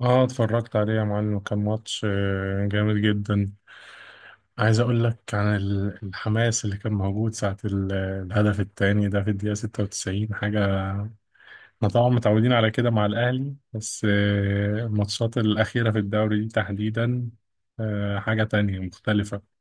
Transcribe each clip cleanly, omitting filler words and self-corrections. اه، اتفرجت عليه يا معلم. كان ماتش جامد جدا. عايز اقول لك عن الحماس اللي كان موجود ساعة الهدف التاني ده في الدقيقة 96 حاجة. احنا طبعا متعودين على كده مع الاهلي، بس الماتشات الاخيرة في الدوري دي تحديدا حاجة تانية مختلفة.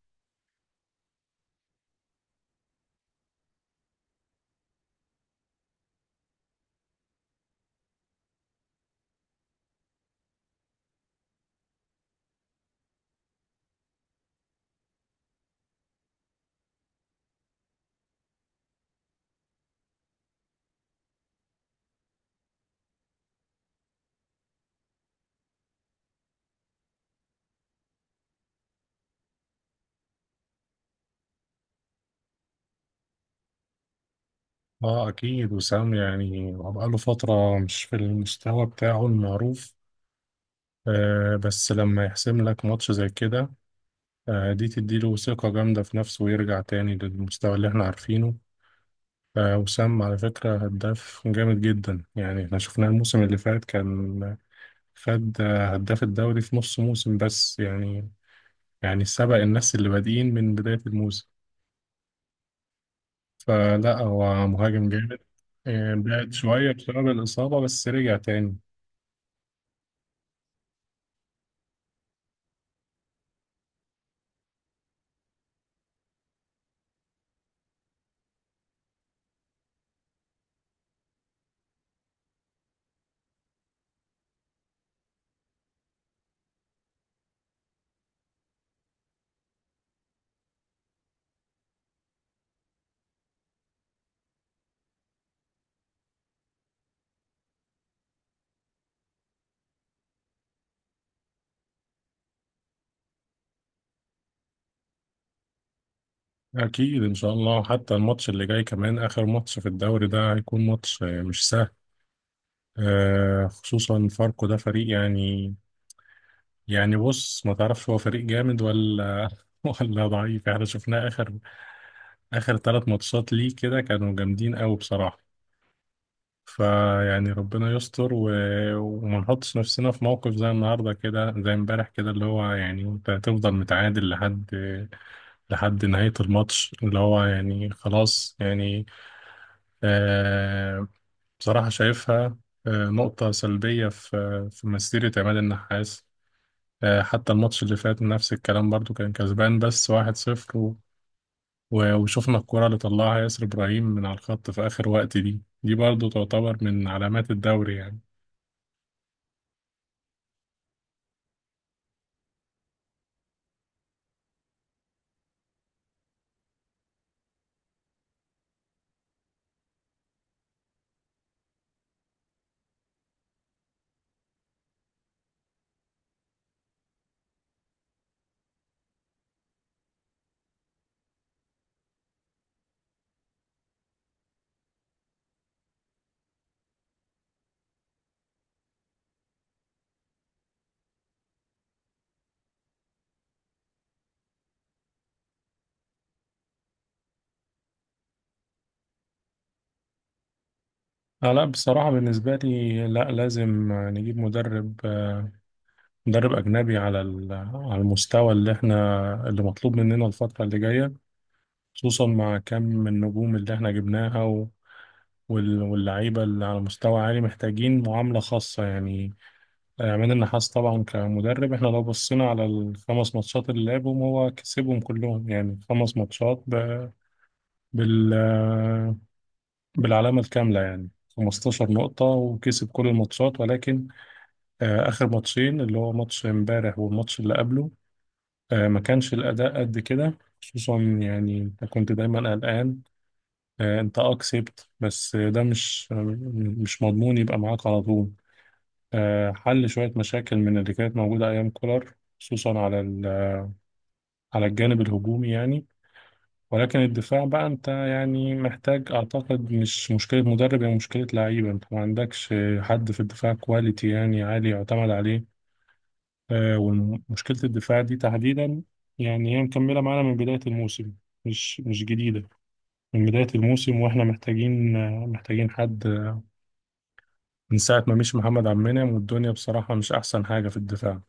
اه اكيد وسام، يعني هو بقاله فترة مش في المستوى بتاعه المعروف، بس لما يحسم لك ماتش زي كده، دي تديله ثقة جامدة في نفسه ويرجع تاني للمستوى اللي احنا عارفينه. وسام على فكرة هداف جامد جدا. يعني احنا شفناه الموسم اللي فات كان خد هداف الدوري في نص موسم بس، يعني يعني سبق الناس اللي بادئين من بداية الموسم. فلا، هو مهاجم جامد. بعد شوية بسبب الإصابة، بس رجع تاني. أكيد إن شاء الله. حتى الماتش اللي جاي، كمان آخر ماتش في الدوري ده، هيكون ماتش مش سهل. خصوصا فاركو ده فريق، يعني يعني بص، ما تعرفش هو فريق جامد ولا ولا ضعيف. احنا شفناه اخر ثلاث ماتشات ليه كده كانوا جامدين قوي بصراحة. فيعني ربنا يستر وما نحطش نفسنا في موقف زي النهارده كده، زي امبارح كده، اللي هو يعني انت هتفضل متعادل لحد نهاية الماتش، اللي هو يعني خلاص يعني آه... بصراحة شايفها نقطة سلبية في مسيرة عماد النحاس. حتى الماتش اللي فات نفس الكلام برضو، كان كسبان بس واحد صفر، وشوفنا الكرة اللي طلعها ياسر إبراهيم من على الخط في آخر وقت دي دي برضو تعتبر من علامات الدوري يعني. آه لا بصراحة، بالنسبة لي لا، لازم نجيب مدرب، مدرب أجنبي على على المستوى اللي احنا، اللي مطلوب مننا الفترة اللي جاية، خصوصا مع كم من النجوم اللي احنا جبناها واللعيبة اللي على مستوى عالي محتاجين معاملة خاصة يعني. من النحاس طبعا كمدرب، احنا لو بصنا على الخمس ماتشات اللي يابهم هو كسبهم كلهم، يعني خمس ماتشات بال... بالعلامة الكاملة يعني، خمس تاشر مقطة وكسب كل الماتشات. ولكن اخر ماتشين، اللي هو ماتش مبارح والماتش اللي قبله، ما كانش الاداء قد كده. خصوصا يعني انت كنت دايما الان انت اكسبت، بس ده مش مضمون يبقى معاك على طول. حل شوية مشاكل من اللي كانت موجودة ايام كولار، خصوصا على على الجانب الهجومي يعني. ولكن الدفاع بقى، انت يعني محتاج، اعتقد مش مشكلة مدرب، هي مشكلة لعيبة. انت ما عندكش حد في الدفاع كواليتي يعني عالي يعتمد عليه. ومشكلة الدفاع دي تحديدا يعني هي مكملة معانا من بداية الموسم. مش جديدة، من بداية الموسم واحنا محتاجين، محتاجين حد. من ساعة ما مشي محمد عبد المنعم والدنيا بصراحة مش أحسن حاجة في الدفاع.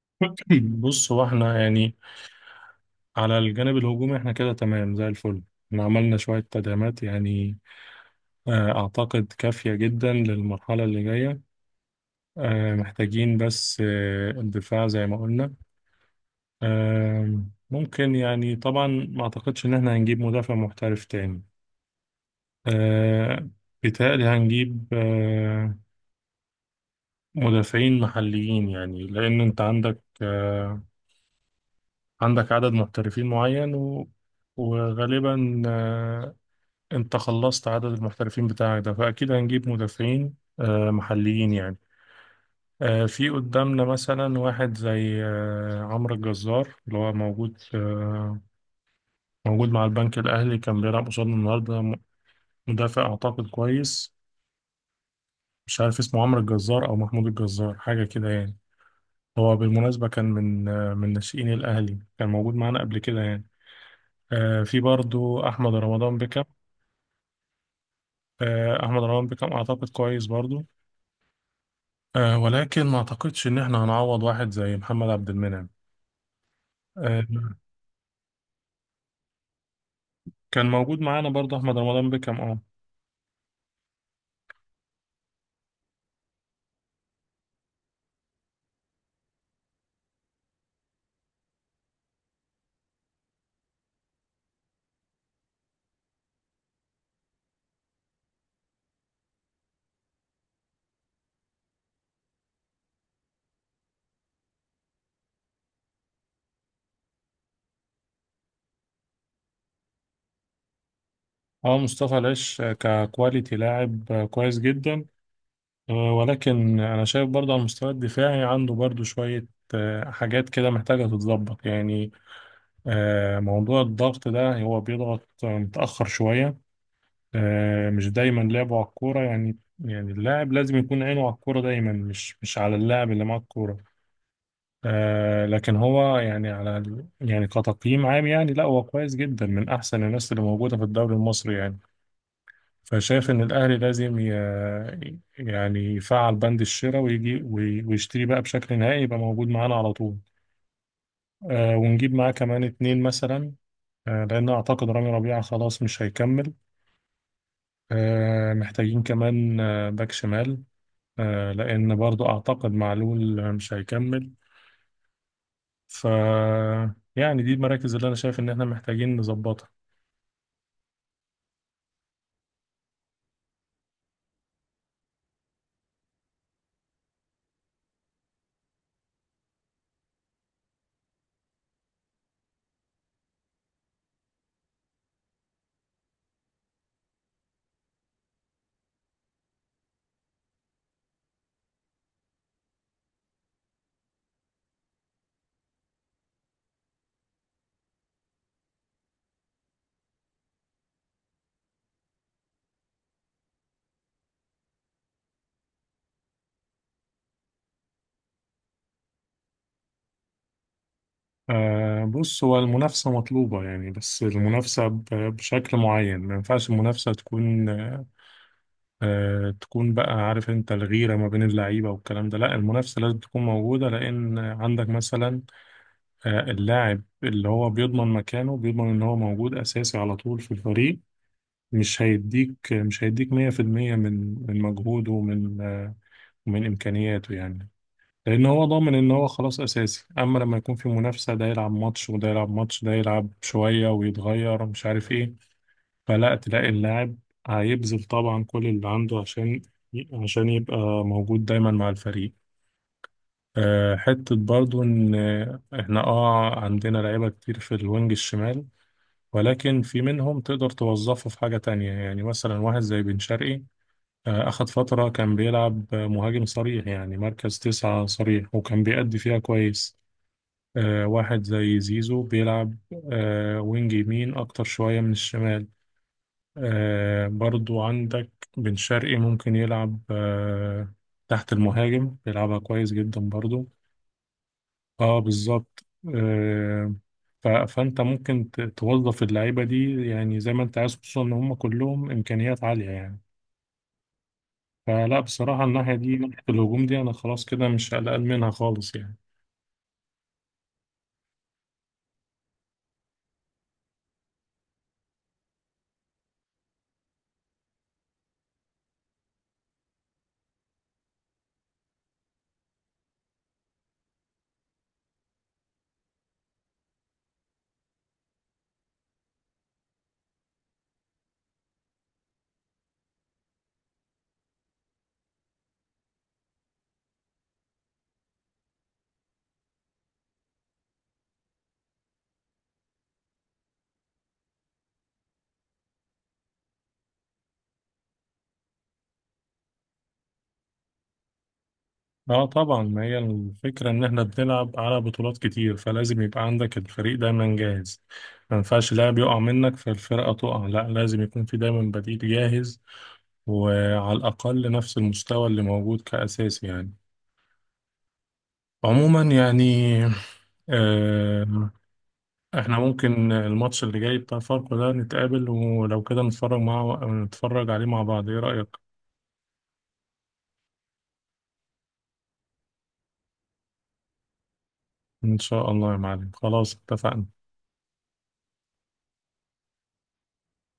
بص، هو احنا يعني على الجانب الهجومي احنا كده تمام زي الفل. احنا عملنا شوية تدعيمات، يعني أعتقد كافية جدا للمرحلة اللي جاية. محتاجين بس الدفاع زي ما قلنا. آه، ممكن يعني، طبعا ما أعتقدش إن احنا هنجيب مدافع محترف تاني. آه، بيتهيألي هنجيب مدافعين محليين، يعني لأن أنت عندك عندك عدد محترفين معين، وغالبا انت خلصت عدد المحترفين بتاعك ده، فاكيد هنجيب مدافعين محليين يعني. في قدامنا مثلا واحد زي عمرو الجزار، اللي هو موجود موجود مع البنك الاهلي، كان بيلعب قصادنا النهارده. مدافع اعتقد كويس. مش عارف اسمه عمرو الجزار او محمود الجزار، حاجه كده يعني. هو بالمناسبه كان من من ناشئين الاهلي، كان موجود معانا قبل كده يعني. في برضو احمد رمضان بكم. احمد رمضان بكم اعتقد كويس برضو. ولكن ما اعتقدش ان احنا هنعوض واحد زي محمد عبد المنعم. آه، كان موجود معانا برضه احمد رمضان بكام، اه. اه مصطفى العش ككواليتي لاعب كويس جدا. ولكن انا شايف برضه على المستوى الدفاعي عنده برضه شوية حاجات كده محتاجة تتظبط يعني. موضوع الضغط ده، هو بيضغط متأخر شوية. مش دايما لعبه على الكورة يعني. يعني اللاعب لازم يكون عينه على الكورة دايما، مش على اللاعب اللي معاه الكورة. لكن هو يعني على يعني كتقييم عام، يعني لا هو كويس جدا من احسن الناس اللي موجوده في الدوري المصري يعني. فشايف ان الاهلي لازم يعني يفعل بند الشراء ويجي ويشتري بقى بشكل نهائي، يبقى موجود معانا على طول. ونجيب معاه كمان اتنين مثلا، لان اعتقد رامي ربيعه خلاص مش هيكمل. محتاجين كمان باك شمال، لان برضو اعتقد معلول مش هيكمل. ف يعني دي المراكز اللي انا شايف ان احنا محتاجين نظبطها. بص، هو المنافسة مطلوبة يعني، بس المنافسة بشكل معين. ما ينفعش المنافسة تكون تكون بقى، عارف انت، الغيرة ما بين اللعيبة والكلام ده. لا، المنافسة لازم تكون موجودة، لأن عندك مثلا اللاعب اللي هو بيضمن مكانه، بيضمن ان هو موجود أساسي على طول في الفريق، مش هيديك 100% من مجهوده، ومن ومن إمكانياته يعني. لأن هو ضامن إن هو خلاص أساسي. أما لما يكون في منافسة، ده يلعب ماتش وده يلعب ماتش، ده يلعب شوية ويتغير مش عارف إيه، فلا، تلاقي اللاعب هيبذل طبعا كل اللي عنده عشان يبقى موجود دايما مع الفريق. حتة برضو إن إحنا عندنا لعيبة كتير في الوينج الشمال، ولكن في منهم تقدر توظفه في حاجة تانية. يعني مثلا واحد زي بن شرقي، أخد فترة كان بيلعب مهاجم صريح، يعني مركز تسعة صريح، وكان بيأدي فيها كويس. واحد زي زيزو بيلعب وينج يمين أكتر شوية من الشمال. برضو عندك بن شرقي ممكن يلعب تحت المهاجم، بيلعبها كويس جدا برضو. اه بالظبط. آه فأنت ممكن توظف اللعيبة دي يعني زي ما أنت عايز، خصوصا إن هم كلهم إمكانيات عالية يعني. فلا بصراحة الناحية دي، ناحية الهجوم دي، أنا خلاص كده مش قلقان منها خالص يعني. اه طبعا، ما هي الفكرة ان احنا بنلعب على بطولات كتير، فلازم يبقى عندك الفريق دايما جاهز. ما ينفعش لاعب يقع منك فالفرقة تقع، لا، لازم يكون في دايما بديل جاهز، وعلى الأقل نفس المستوى اللي موجود كأساسي يعني. عموما يعني آه احنا ممكن الماتش اللي جاي بتاع فاركو ده نتقابل ولو كده نتفرج مع، نتفرج عليه مع بعض، ايه رأيك؟ ان شاء الله يا معلم، خلاص اتفقنا.